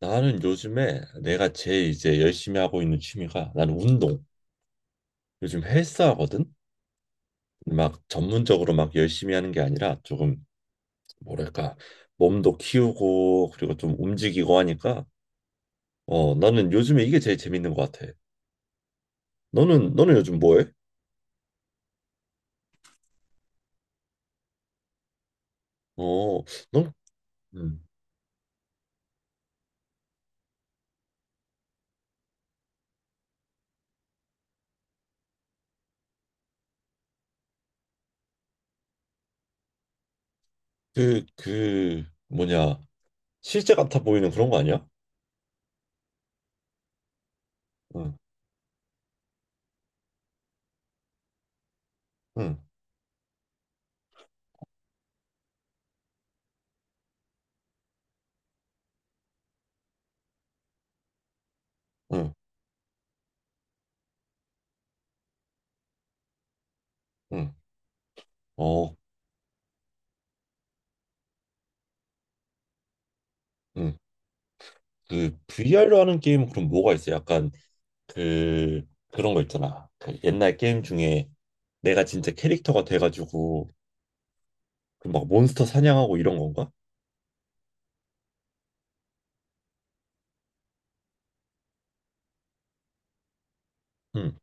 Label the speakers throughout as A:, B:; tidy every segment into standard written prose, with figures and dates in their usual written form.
A: 나는 요즘에 내가 제일 이제 열심히 하고 있는 취미가 나는 운동. 요즘 헬스하거든. 막 전문적으로 막 열심히 하는 게 아니라 조금 뭐랄까 몸도 키우고 그리고 좀 움직이고 하니까 나는 요즘에 이게 제일 재밌는 것 같아. 너는 요즘 뭐해? 어, 넌 음, 그 뭐냐 실제 같아 보이는 그런 거 아니야? 응, 응, 응, 응. 어, 응. 그 VR로 하는 게임 은 그럼 뭐가 있어? 약간 그 그런 거 있잖아. 그 옛날 게임 중에 내가 진짜 캐릭터가 돼가지고 그 막 몬스터 사냥하고 이런 건가? 응,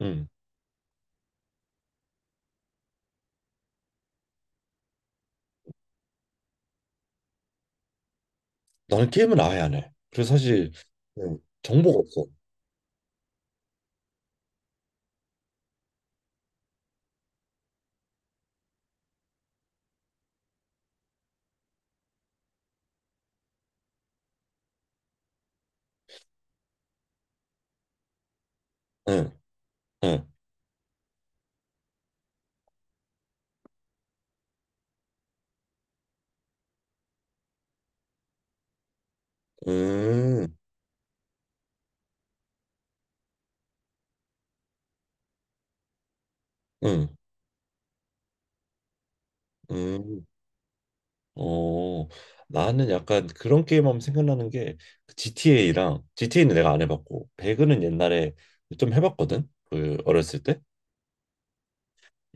A: 응. 나는 게임은 아예 안 해. 그래서 사실 응, 정보가 없어. 응, 응, 응, 응, 응. 어, 나는 약간 그런 게임하면 생각나는 게 GTA랑 GTA는 내가 안 해봤고 배그는 옛날에 좀 해봤거든. 그 어렸을 때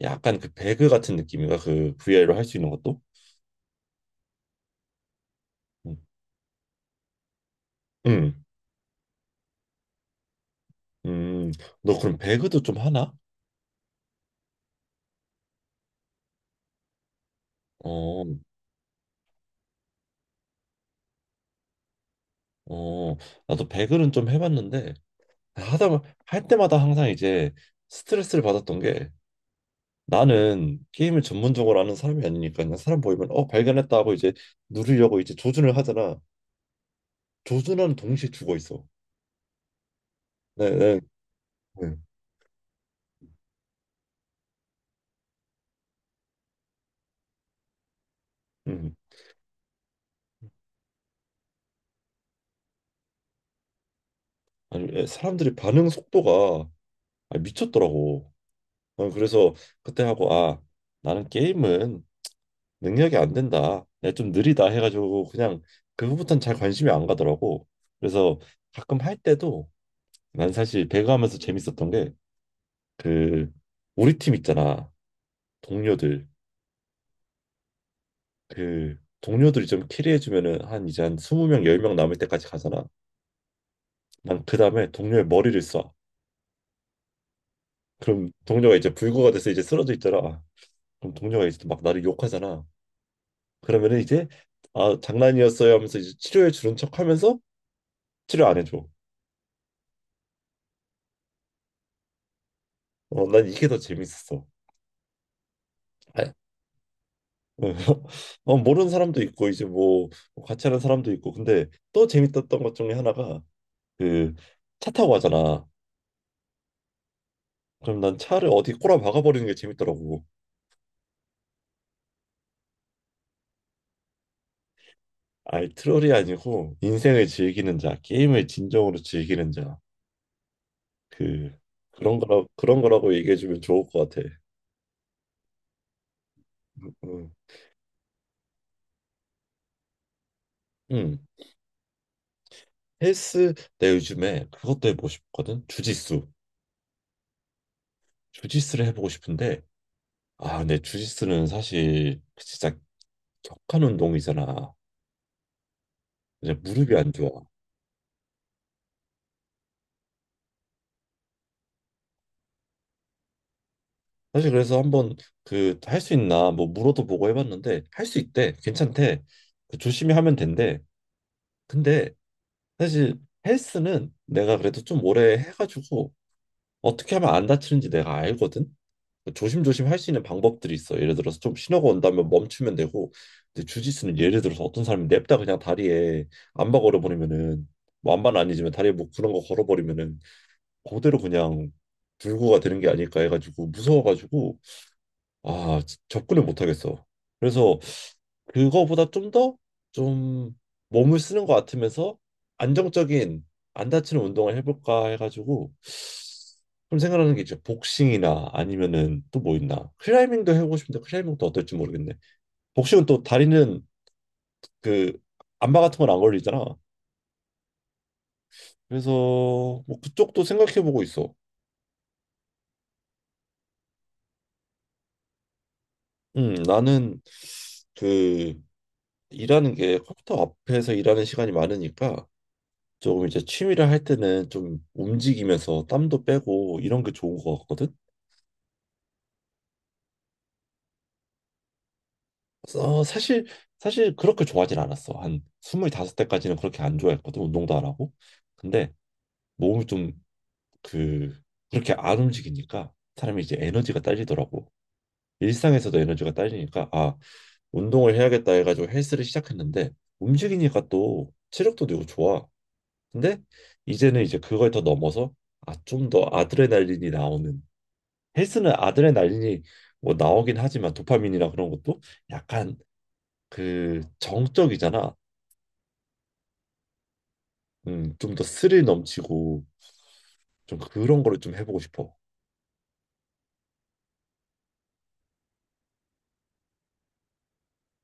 A: 약간 그 배그 같은 느낌인가 그 VR로 할 수 있는 것도. 응. 응. 음, 너 그럼 배그도 좀 하나? 어, 어, 나도 배그는 좀 해봤는데 하다 할 때마다 항상 이제 스트레스를 받았던 게 나는 게임을 전문적으로 아는 사람이 아니니까 그냥 사람 보이면 발견했다 하고 이제 누르려고 이제 조준을 하잖아. 조준하는 동시에 죽어 있어. 네, 네, 네. 음, 아니 사람들이 반응 속도가 아, 미쳤더라고. 어, 그래서 그때 하고 나는 게임은 능력이 안 된다. 야, 좀 느리다 해가지고 그냥 그거부터는 잘 관심이 안 가더라고. 그래서 가끔 할 때도 난 사실 배그하면서 재밌었던 게 그 우리 팀 있잖아. 동료들. 그 동료들이 좀 캐리해주면은 한 20명, 10명 남을 때까지 가잖아. 난 그 다음에 동료의 머리를 쏴. 그럼 동료가 이제 불구가 돼서 이제 쓰러져 있더라. 그럼 동료가 이제 막 나를 욕하잖아. 그러면은 이제 아 장난이었어요 하면서 이제 치료해 주는 척 하면서 치료 안 해줘. 어, 난 이게 더 재밌었어. 아, 어, 모르는 사람도 있고 이제 뭐 뭐 같이 하는 사람도 있고 근데 또 재밌었던 것 중에 하나가 그 차 타고 가잖아. 그럼 난 차를 어디 꼬라박아 버리는 게 재밌더라고. 아이 트롤이 아니고 인생을 즐기는 자 게임을 진정으로 즐기는 자그 그런 거라고 얘기해 주면 좋을 것 같아. 음, 음. 음, 헬스 내 요즘에 그것도 해보고 싶거든 주짓수. 주짓수를 해보고 싶은데 아, 근데 주짓수는 사실 그 진짜 격한 운동이잖아. 이제 무릎이 안 좋아. 사실 그래서 한번 그 할 수 있나 뭐 물어도 보고 해봤는데 할 수 있대. 괜찮대. 그 조심히 하면 된대. 근데 사실 헬스는 내가 그래도 좀 오래 해가지고 어떻게 하면 안 다치는지 내가 알거든. 조심조심 할 수 있는 방법들이 있어. 예를 들어서 좀 신호가 온다면 멈추면 되고, 근데 주짓수는 예를 들어서 어떤 사람이 냅다 그냥 다리에 암바 걸어버리면은 뭐 암바는 아니지만 다리에 뭐 그런 거 걸어버리면은 그대로 그냥 불구가 되는 게 아닐까 해가지고 무서워가지고 아 접근을 못 하겠어. 그래서 그거보다 좀 더 좀 몸을 쓰는 것 같으면서 안정적인 안 다치는 운동을 해볼까 해가지고 좀 생각하는 게 이제 복싱이나 아니면은 또 뭐 있나 클라이밍도 해보고 싶은데 클라이밍도 어떨지 모르겠네. 복싱은 또 다리는 그 안마 같은 건 안 걸리잖아. 그래서 뭐 그쪽도 생각해보고 있어. 나는 그 일하는 게 컴퓨터 앞에서 일하는 시간이 많으니까 조금 이제 취미를 할 때는 좀 움직이면서 땀도 빼고 이런 게 좋은 것 같거든. 어, 사실 그렇게 좋아하진 않았어. 한 25대까지는 그렇게 안 좋아했거든. 운동도 안 하고. 근데 몸이 좀 그 그렇게 안 움직이니까 사람이 이제 에너지가 딸리더라고. 일상에서도 에너지가 딸리니까 아, 운동을 해야겠다 해가지고 헬스를 시작했는데 움직이니까 또 체력도 되고 좋아. 근데 이제는 이제 그걸 더 넘어서 아, 좀 더 아드레날린이 나오는 헬스는 아드레날린이 뭐 나오긴 하지만 도파민이나 그런 것도 약간 그 정적이잖아. 좀 더 스릴 넘치고 좀 그런 거를 좀 해보고 싶어.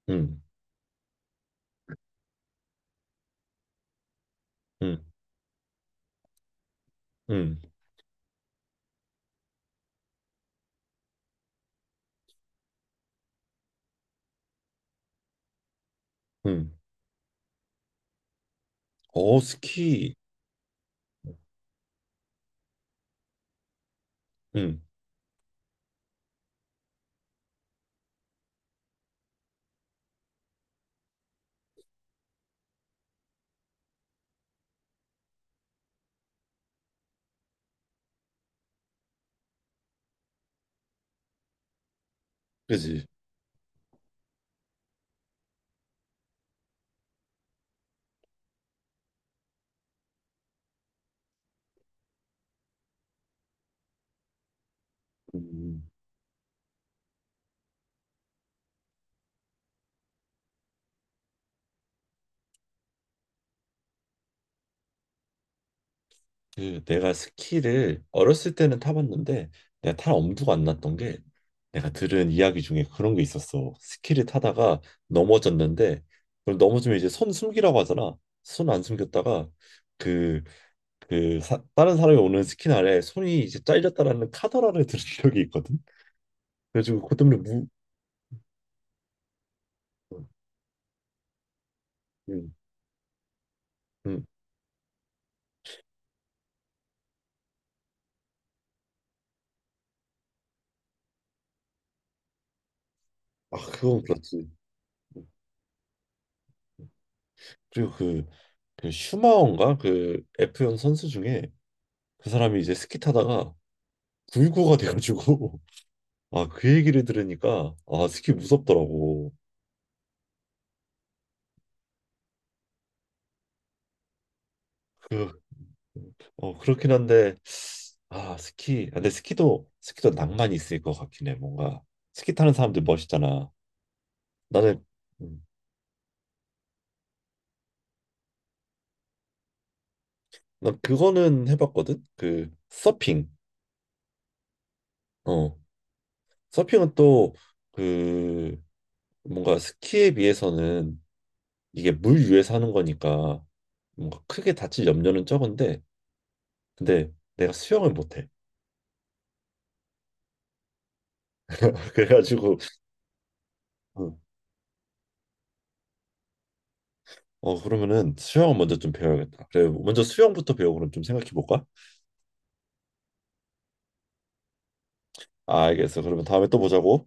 A: 음, 음, 음, 음. 어, 스키. 음, 그지. 음. 그 내가 스키를 어렸을 때는 타봤는데 내가 탈 엄두가 안 났던 게 내가 들은 이야기 중에 그런 게 있었어. 스키를 타다가 넘어졌는데 그걸 넘어지면 이제 손 숨기라고 하잖아. 손 안 숨겼다가 그 그 다른 사람이 오는 스키 날에 손이 이제 잘렸다라는 카더라를 들은 적이 있거든. 그래가지고 그 때문에 무. 음, 음. 아 그건 그렇지. 그리고 그 슈마어인가 그 F1 선수 중에 그 사람이 이제 스키 타다가 불구가 돼가지고 아, 그 얘기를 들으니까 아, 스키 무섭더라고. 그, 어, 그렇긴 한데 아, 스키. 근데 스키도 낭만이 있을 것 같긴 해. 뭔가 스키 타는 사람들 멋있잖아. 나는 음, 난 그거는 해봤거든. 그 서핑. 어, 서핑은 또 그 뭔가 스키에 비해서는 이게 물 위에서 하는 거니까 뭔가 크게 다칠 염려는 적은데 근데 내가 수영을 못해. 그래가지고 어, 어 그러면은 수영 먼저 좀 배워야겠다. 그래 먼저 수영부터 배우고 그럼 좀 생각해 볼까? 알겠어. 그러면 다음에 또 보자고.